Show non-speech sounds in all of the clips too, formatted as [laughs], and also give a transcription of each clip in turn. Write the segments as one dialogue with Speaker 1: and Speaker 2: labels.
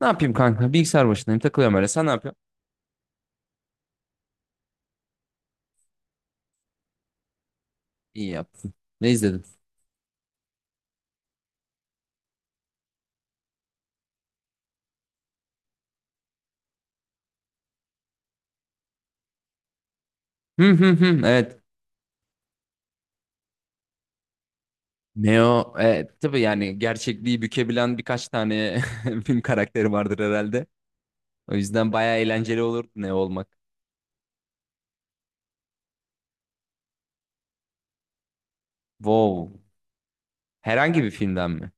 Speaker 1: Ne yapayım kanka? Bilgisayar başındayım. Takılıyorum öyle. Sen ne yapıyorsun? İyi yaptın. Ne izledin? Hı hı hı. Evet. Neo. Evet. Tabii yani gerçekliği bükebilen birkaç tane [laughs] film karakteri vardır herhalde. O yüzden bayağı eğlenceli olur Neo olmak. Wow. Herhangi bir filmden mi?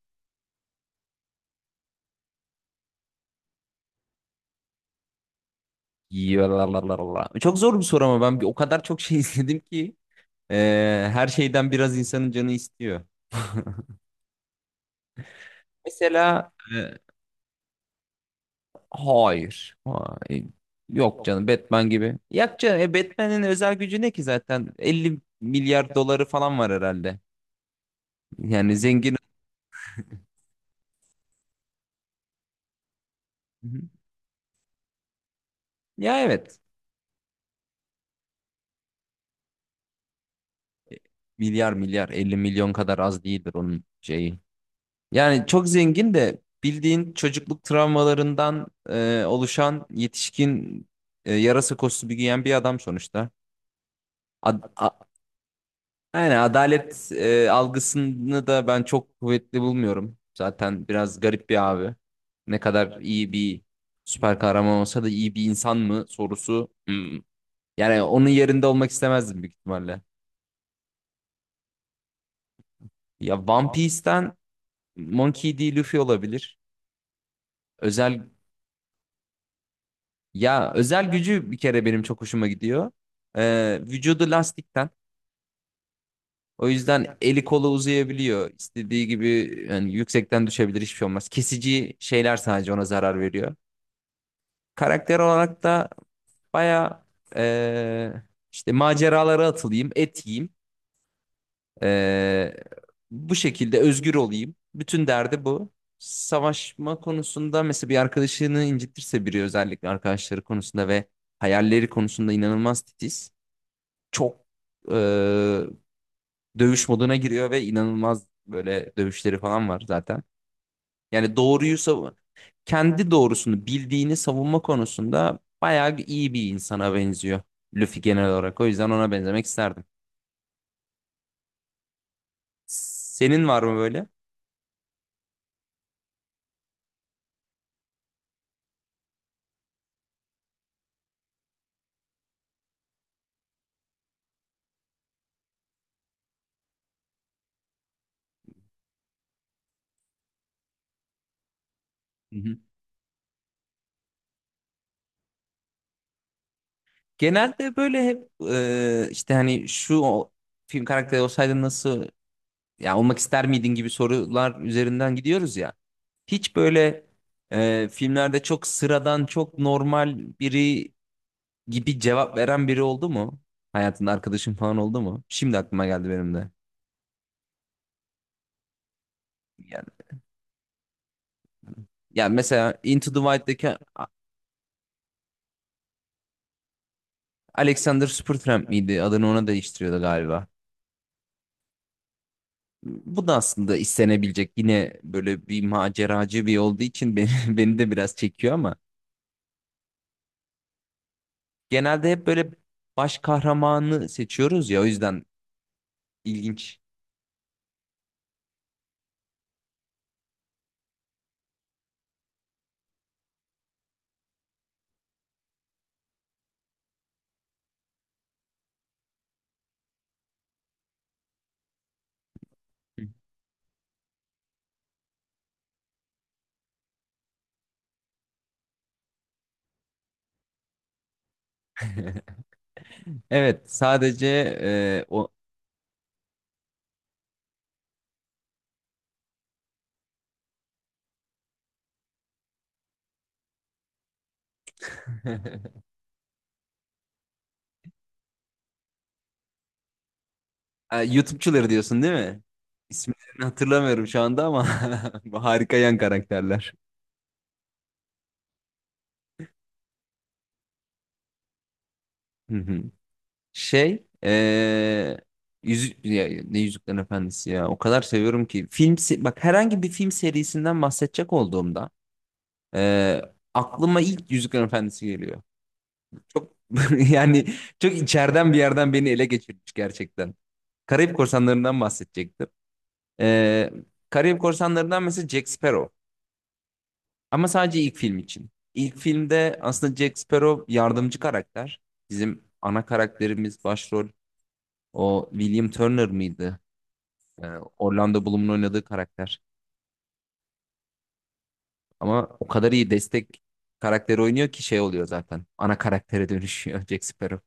Speaker 1: Yalalalalala. Çok zor bir soru ama o kadar çok şey [laughs] izledim ki e, her şeyden biraz insanın canı istiyor. Mesela Hayır. Hayır. Yok canım Batman gibi. Yok canım Batman'in özel gücü ne ki zaten? 50 milyar doları falan var herhalde. Yani zengin. Hı hı. Ya evet. Milyar milyar 50 milyon kadar az değildir onun şeyi. Yani çok zengin de bildiğin çocukluk travmalarından oluşan yetişkin yarasa kostümü giyen bir adam sonuçta. Ad- Yani adalet algısını da ben çok kuvvetli bulmuyorum. Zaten biraz garip bir abi. Ne kadar iyi bir süper kahraman olsa da iyi bir insan mı sorusu. Hmm. Yani onun yerinde olmak istemezdim büyük ihtimalle. Ya One Piece'ten Monkey D. Luffy olabilir. Özel Ya özel gücü bir kere benim çok hoşuma gidiyor. Vücudu lastikten. O yüzden eli kolu uzayabiliyor. İstediği gibi yani yüksekten düşebilir hiçbir şey olmaz. Kesici şeyler sadece ona zarar veriyor. Karakter olarak da baya eee, işte maceralara atılayım, et yiyeyim. Eee, Bu şekilde özgür olayım. Bütün derdi bu. Savaşma konusunda mesela bir arkadaşını incitirse biri özellikle arkadaşları konusunda ve hayalleri konusunda inanılmaz titiz. Çok eee, dövüş moduna giriyor ve inanılmaz böyle dövüşleri falan var zaten. Yani doğruyu savun kendi doğrusunu bildiğini savunma konusunda bayağı iyi bir insana benziyor Luffy genel olarak. O yüzden ona benzemek isterdim. Senin var mı böyle? Hı hı. Genelde böyle hep işte hani şu film karakteri olsaydın nasıl ya olmak ister miydin gibi sorular üzerinden gidiyoruz ya. Hiç böyle filmlerde çok sıradan çok normal biri gibi cevap veren biri oldu mu? Hayatında arkadaşın falan oldu mu? Şimdi aklıma geldi benim de. Yani ya mesela Into the Wild'deki Alexander Supertramp miydi? Adını ona değiştiriyordu galiba. Bu da aslında istenebilecek yine böyle bir maceracı bir olduğu için beni, [laughs] beni de biraz çekiyor ama genelde hep böyle baş kahramanı seçiyoruz ya o yüzden ilginç. Evet sadece o [laughs] Ha, YouTube'çuları diyorsun değil mi? İsimlerini hatırlamıyorum şu anda ama [laughs] bu harika yan karakterler. [laughs] Şey, yüzük ya, ne Yüzüklerin Efendisi ya. O kadar seviyorum ki bak herhangi bir film serisinden bahsedecek olduğumda eee, aklıma ilk Yüzüklerin Efendisi geliyor. Çok [laughs] yani çok içeriden bir yerden beni ele geçirmiş gerçekten. Karayip Korsanları'ndan bahsedecektim. Eee Karayip Korsanları'ndan mesela Jack Sparrow. Ama sadece ilk film için. İlk filmde aslında Jack Sparrow yardımcı karakter. Bizim ana karakterimiz başrol. O William Turner mıydı? Ee, Orlando Bloom'un oynadığı karakter. Ama o kadar iyi destek karakteri oynuyor ki şey oluyor zaten. Ana karaktere dönüşüyor [laughs] Jack Sparrow.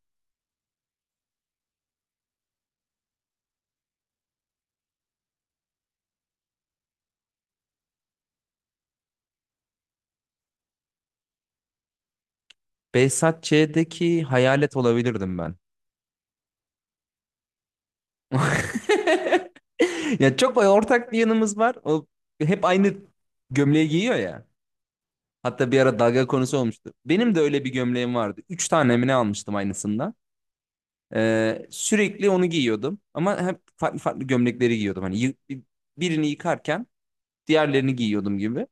Speaker 1: Behzat Ç'deki hayalet olabilirdim ben. [laughs] Ya çok ortak bir yanımız var. O hep aynı gömleği giyiyor ya. Hatta bir ara dalga konusu olmuştu. Benim de öyle bir gömleğim vardı. Üç tane mi ne almıştım aynısından. Sürekli onu giyiyordum. Ama hep farklı farklı gömlekleri giyiyordum. Hani birini yıkarken diğerlerini giyiyordum gibi.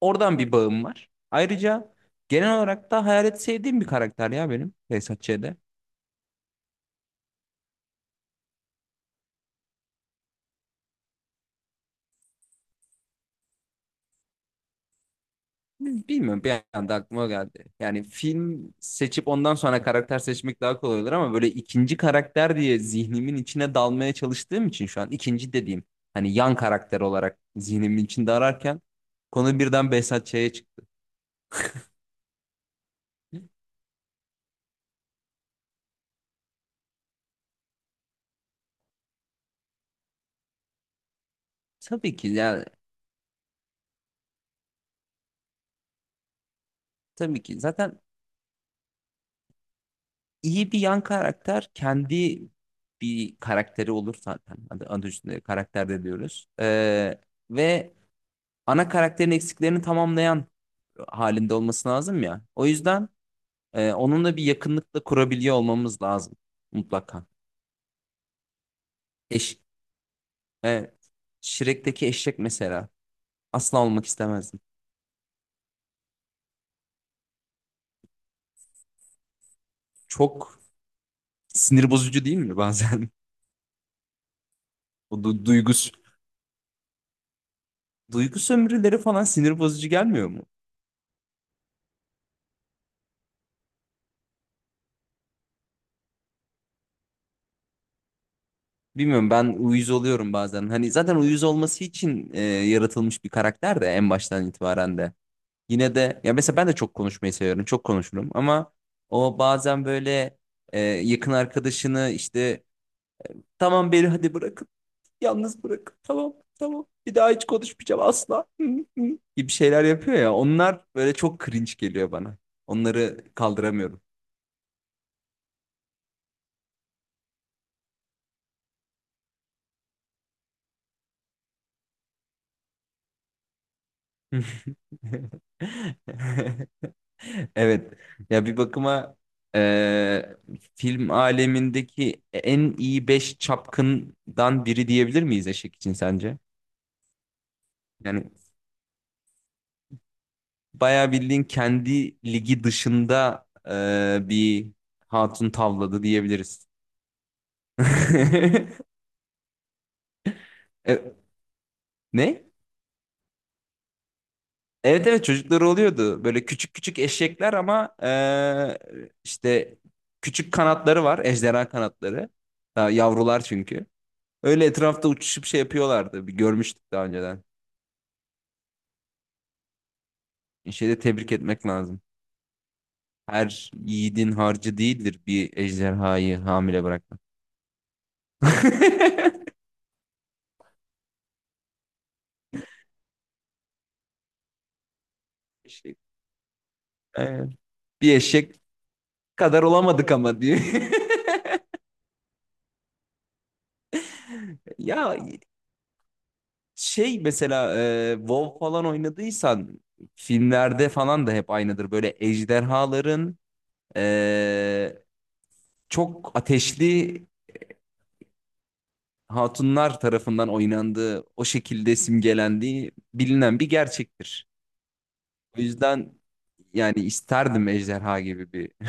Speaker 1: Oradan bir bağım var. Ayrıca genel olarak da Hayalet sevdiğim bir karakter ya benim Behzat Ç'de. Bilmiyorum bir anda aklıma geldi. Yani film seçip ondan sonra karakter seçmek daha kolay olur ama böyle ikinci karakter diye zihnimin içine dalmaya çalıştığım için şu an ikinci dediğim hani yan karakter olarak zihnimin içinde ararken konu birden Behzat Ç'ye çıktı. Tabii ki yani tabii ki zaten İyi bir yan karakter kendi bir karakteri olur zaten. Adı üstünde karakter de diyoruz. Ve ana karakterin eksiklerini tamamlayan halinde olması lazım ya. O yüzden onunla bir yakınlıkla kurabiliyor olmamız lazım mutlaka. Eş, e, Shrek'teki eşek mesela asla olmak istemezdim. Çok sinir bozucu değil mi bazen? [laughs] O du duygus duygu sömürüleri falan sinir bozucu gelmiyor mu? Bilmiyorum ben uyuz oluyorum bazen. Hani zaten uyuz olması için yaratılmış bir karakter de en baştan itibaren de. Yine de ya mesela ben de çok konuşmayı seviyorum. Çok konuşurum ama o bazen böyle yakın arkadaşını işte tamam beni hadi bırakın. Yalnız bırakın. Tamam tamam. Bir daha hiç konuşmayacağım asla. Hı, hı gibi şeyler yapıyor ya. Onlar böyle çok cringe geliyor bana. Onları kaldıramıyorum. [laughs] Evet. Ya bir bakıma eee, film alemindeki en iyi 5 çapkından biri diyebilir miyiz Eşek için sence? Yani bayağı bildiğin kendi ligi dışında bir hatun tavladı diyebiliriz. [laughs] E, ne? Evet evet çocukları oluyordu. Böyle küçük küçük eşekler ama işte küçük kanatları var. Ejderha kanatları. Daha yavrular çünkü. Öyle etrafta uçuşup şey yapıyorlardı. Bir görmüştük daha önceden. Şeyde tebrik etmek lazım. Her yiğidin harcı değildir bir ejderhayı hamile bırakmak. [laughs] Eşek. Aynen. Bir eşek kadar olamadık ama diye. [laughs] Ya şey mesela WoW falan oynadıysan filmlerde falan da hep aynıdır. Böyle ejderhaların e, çok ateşli hatunlar tarafından oynandığı, o şekilde simgelendiği bilinen bir gerçektir. O yüzden yani isterdim ejderha gibi bir [laughs]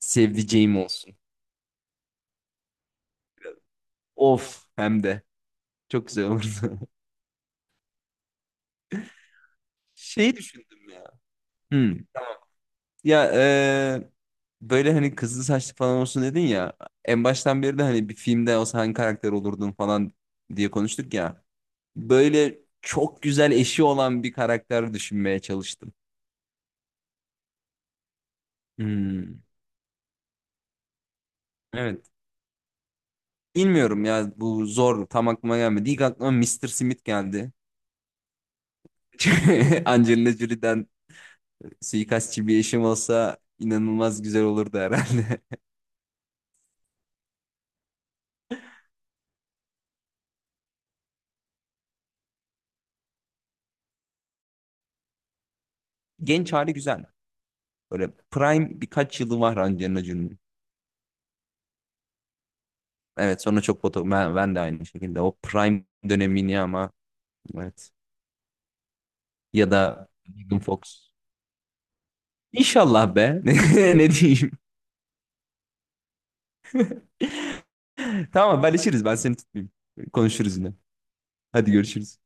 Speaker 1: sevdiceğim olsun. Of hem de çok güzel olurdu. [laughs] Şey düşündüm ya. Hmm. Ya böyle hani kızıl saçlı falan olsun dedin ya. En baştan beri de hani bir filmde olsa hangi karakter olurdun falan diye konuştuk ya. Böyle çok güzel eşi olan bir karakter düşünmeye çalıştım. Hmm. Evet. Bilmiyorum ya bu zor tam aklıma gelmedi. İlk aklıma Mister Smith geldi. [laughs] Angelina Jolie'den suikastçı bir eşim olsa inanılmaz güzel olurdu herhalde. [laughs] Genç hali güzel. Böyle prime birkaç yılı var Angelina Jolie'nin. Evet sonra çok ben de aynı şekilde o prime dönemini ama evet ya da Megan Fox. İnşallah be. [laughs] Ne diyeyim. Tamam haberleşiriz ben seni tutmayayım. Konuşuruz yine. Hadi görüşürüz.